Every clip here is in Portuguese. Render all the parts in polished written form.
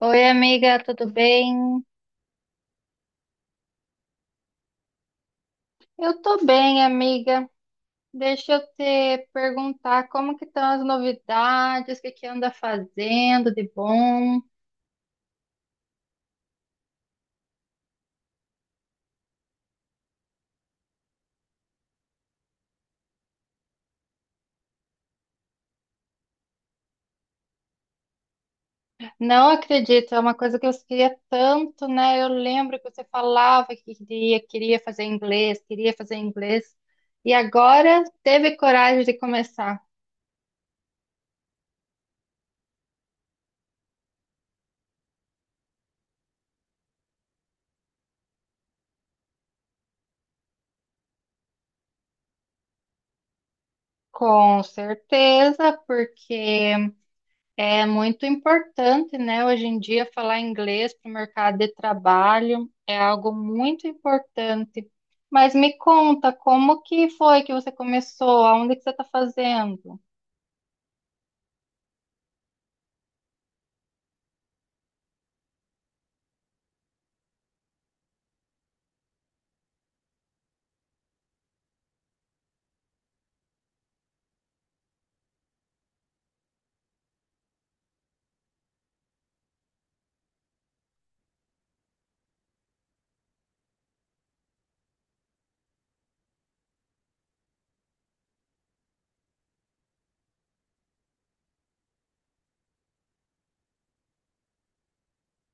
Oi, amiga, tudo bem? Eu tô bem, amiga. Deixa eu te perguntar como que estão as novidades, o que anda fazendo de bom? Não acredito, é uma coisa que eu queria tanto, né? Eu lembro que você falava que queria, queria fazer inglês, e agora teve coragem de começar. Com certeza, porque é muito importante, né, hoje em dia. Falar inglês para o mercado de trabalho é algo muito importante. Mas me conta, como que foi que você começou? Aonde que você está fazendo?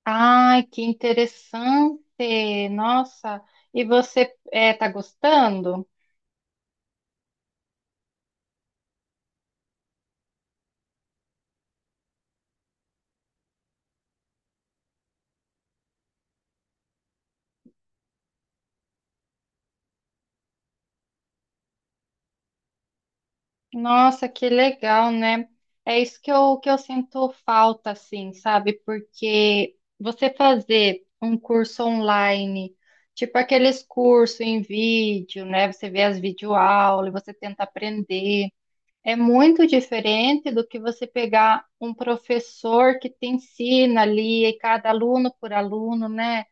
Ai, que interessante! Nossa, e você está gostando? Nossa, que legal, né? É isso que eu sinto falta, assim, sabe? Porque você fazer um curso online, tipo aqueles cursos em vídeo, né? Você vê as videoaulas, e você tenta aprender. É muito diferente do que você pegar um professor que te ensina ali, e cada aluno por aluno, né?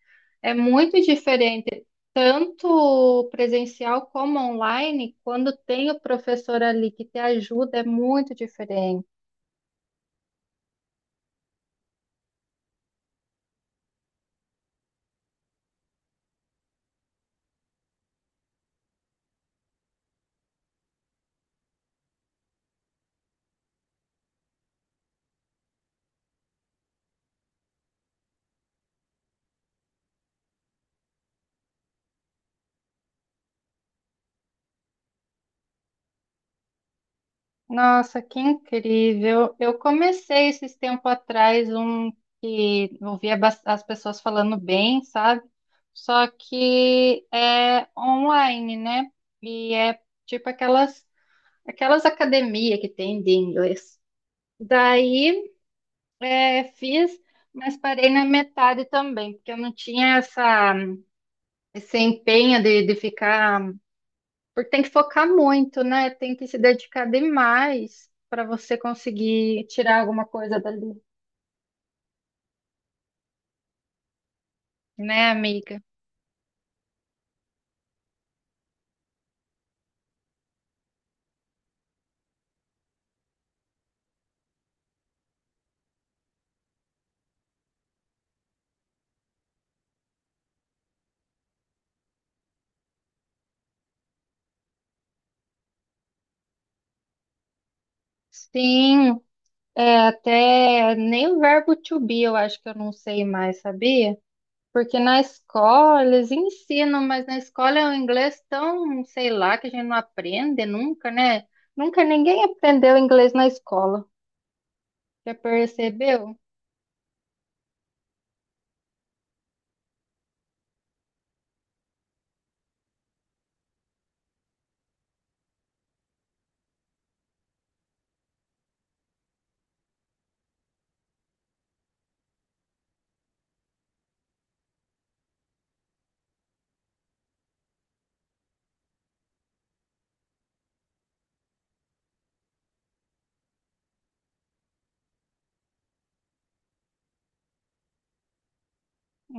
É muito diferente, tanto presencial como online. Quando tem o professor ali que te ajuda, é muito diferente. Nossa, que incrível! Eu comecei esses tempos atrás um que eu ouvia bas- as pessoas falando bem, sabe? Só que é online, né? E é tipo aquelas academias que tem de inglês. Daí é, fiz, mas parei na metade também, porque eu não tinha essa esse empenho de ficar, porque tem que focar muito, né? Tem que se dedicar demais para você conseguir tirar alguma coisa dali, né, amiga? Sim, é, até nem o verbo to be eu acho que eu não sei mais, sabia? Porque na escola eles ensinam, mas na escola é um inglês tão, sei lá, que a gente não aprende nunca, né? Nunca ninguém aprendeu inglês na escola. Já percebeu?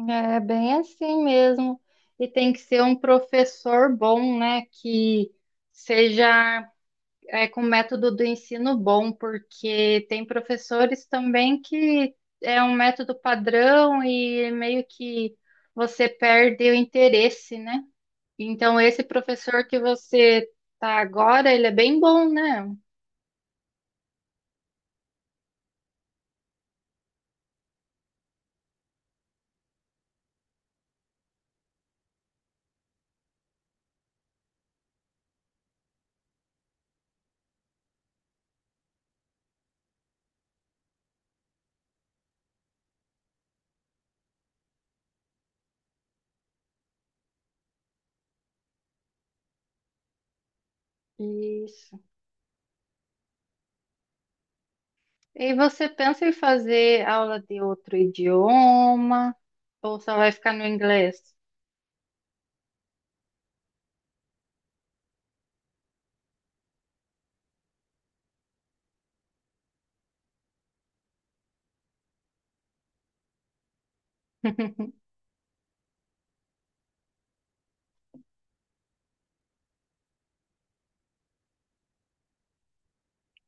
É bem assim mesmo. E tem que ser um professor bom, né? Que seja, é, com método do ensino bom, porque tem professores também que é um método padrão e meio que você perde o interesse, né? Então, esse professor que você tá agora, ele é bem bom, né? Isso. E você pensa em fazer aula de outro idioma ou só vai ficar no inglês?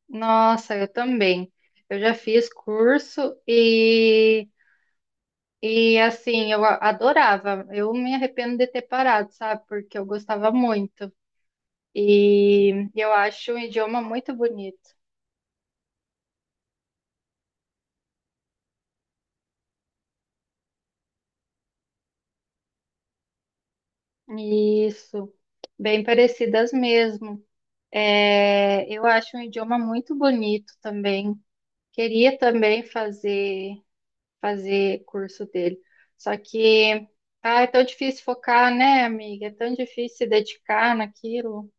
Nossa, eu também. Eu já fiz curso e assim, eu a- adorava. Eu me arrependo de ter parado, sabe? Porque eu gostava muito. E eu acho um idioma muito bonito. Isso, bem parecidas mesmo. É, eu acho um idioma muito bonito também. Queria também fazer. Fazer curso dele. Só que, ah, é tão difícil focar, né, amiga? É tão difícil se dedicar naquilo.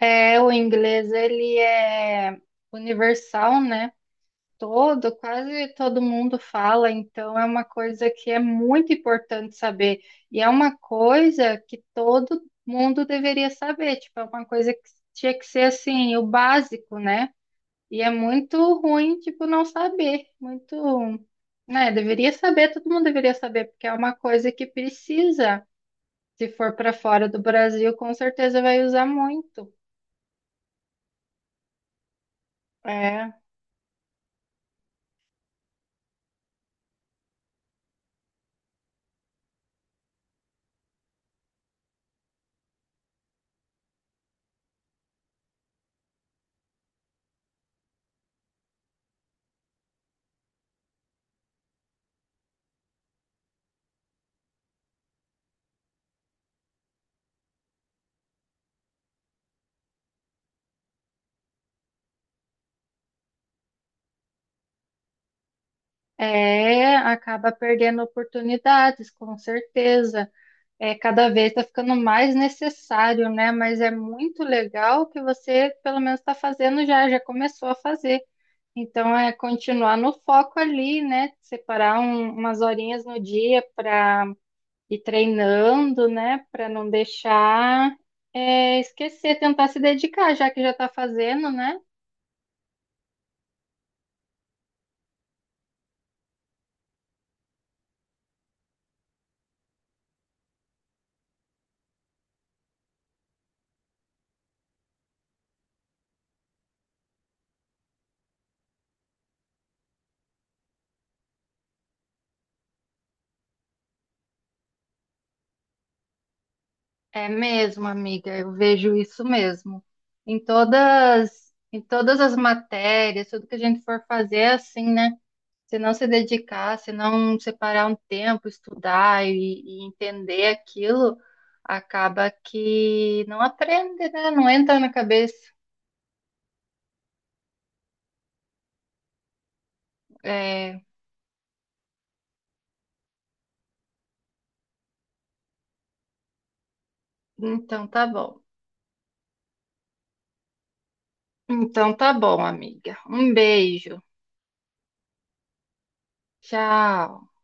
É, o inglês, ele é universal, né? Todo, quase todo mundo fala, então é uma coisa que é muito importante saber. E é uma coisa que todo mundo deveria saber, tipo, é uma coisa que tinha que ser assim, o básico, né? E é muito ruim, tipo, não saber. Muito, né? Deveria saber, todo mundo deveria saber, porque é uma coisa que precisa. Se for para fora do Brasil, com certeza vai usar muito. É, acaba perdendo oportunidades, com certeza. É, cada vez está ficando mais necessário, né? Mas é muito legal que você, pelo menos, está fazendo já, já começou a fazer. Então, é continuar no foco ali, né? Separar um- umas horinhas no dia para e treinando, né, para não deixar, é, esquecer, tentar se dedicar, já que já está fazendo, né? É mesmo, amiga, eu vejo isso mesmo. Em todas as matérias, tudo que a gente for fazer, é assim, né? Se não se dedicar, se não separar um tempo, estudar e entender aquilo, acaba que não aprende, né? Não entra na cabeça. É, então, tá bom. Então tá bom, amiga. Um beijo. Tchau.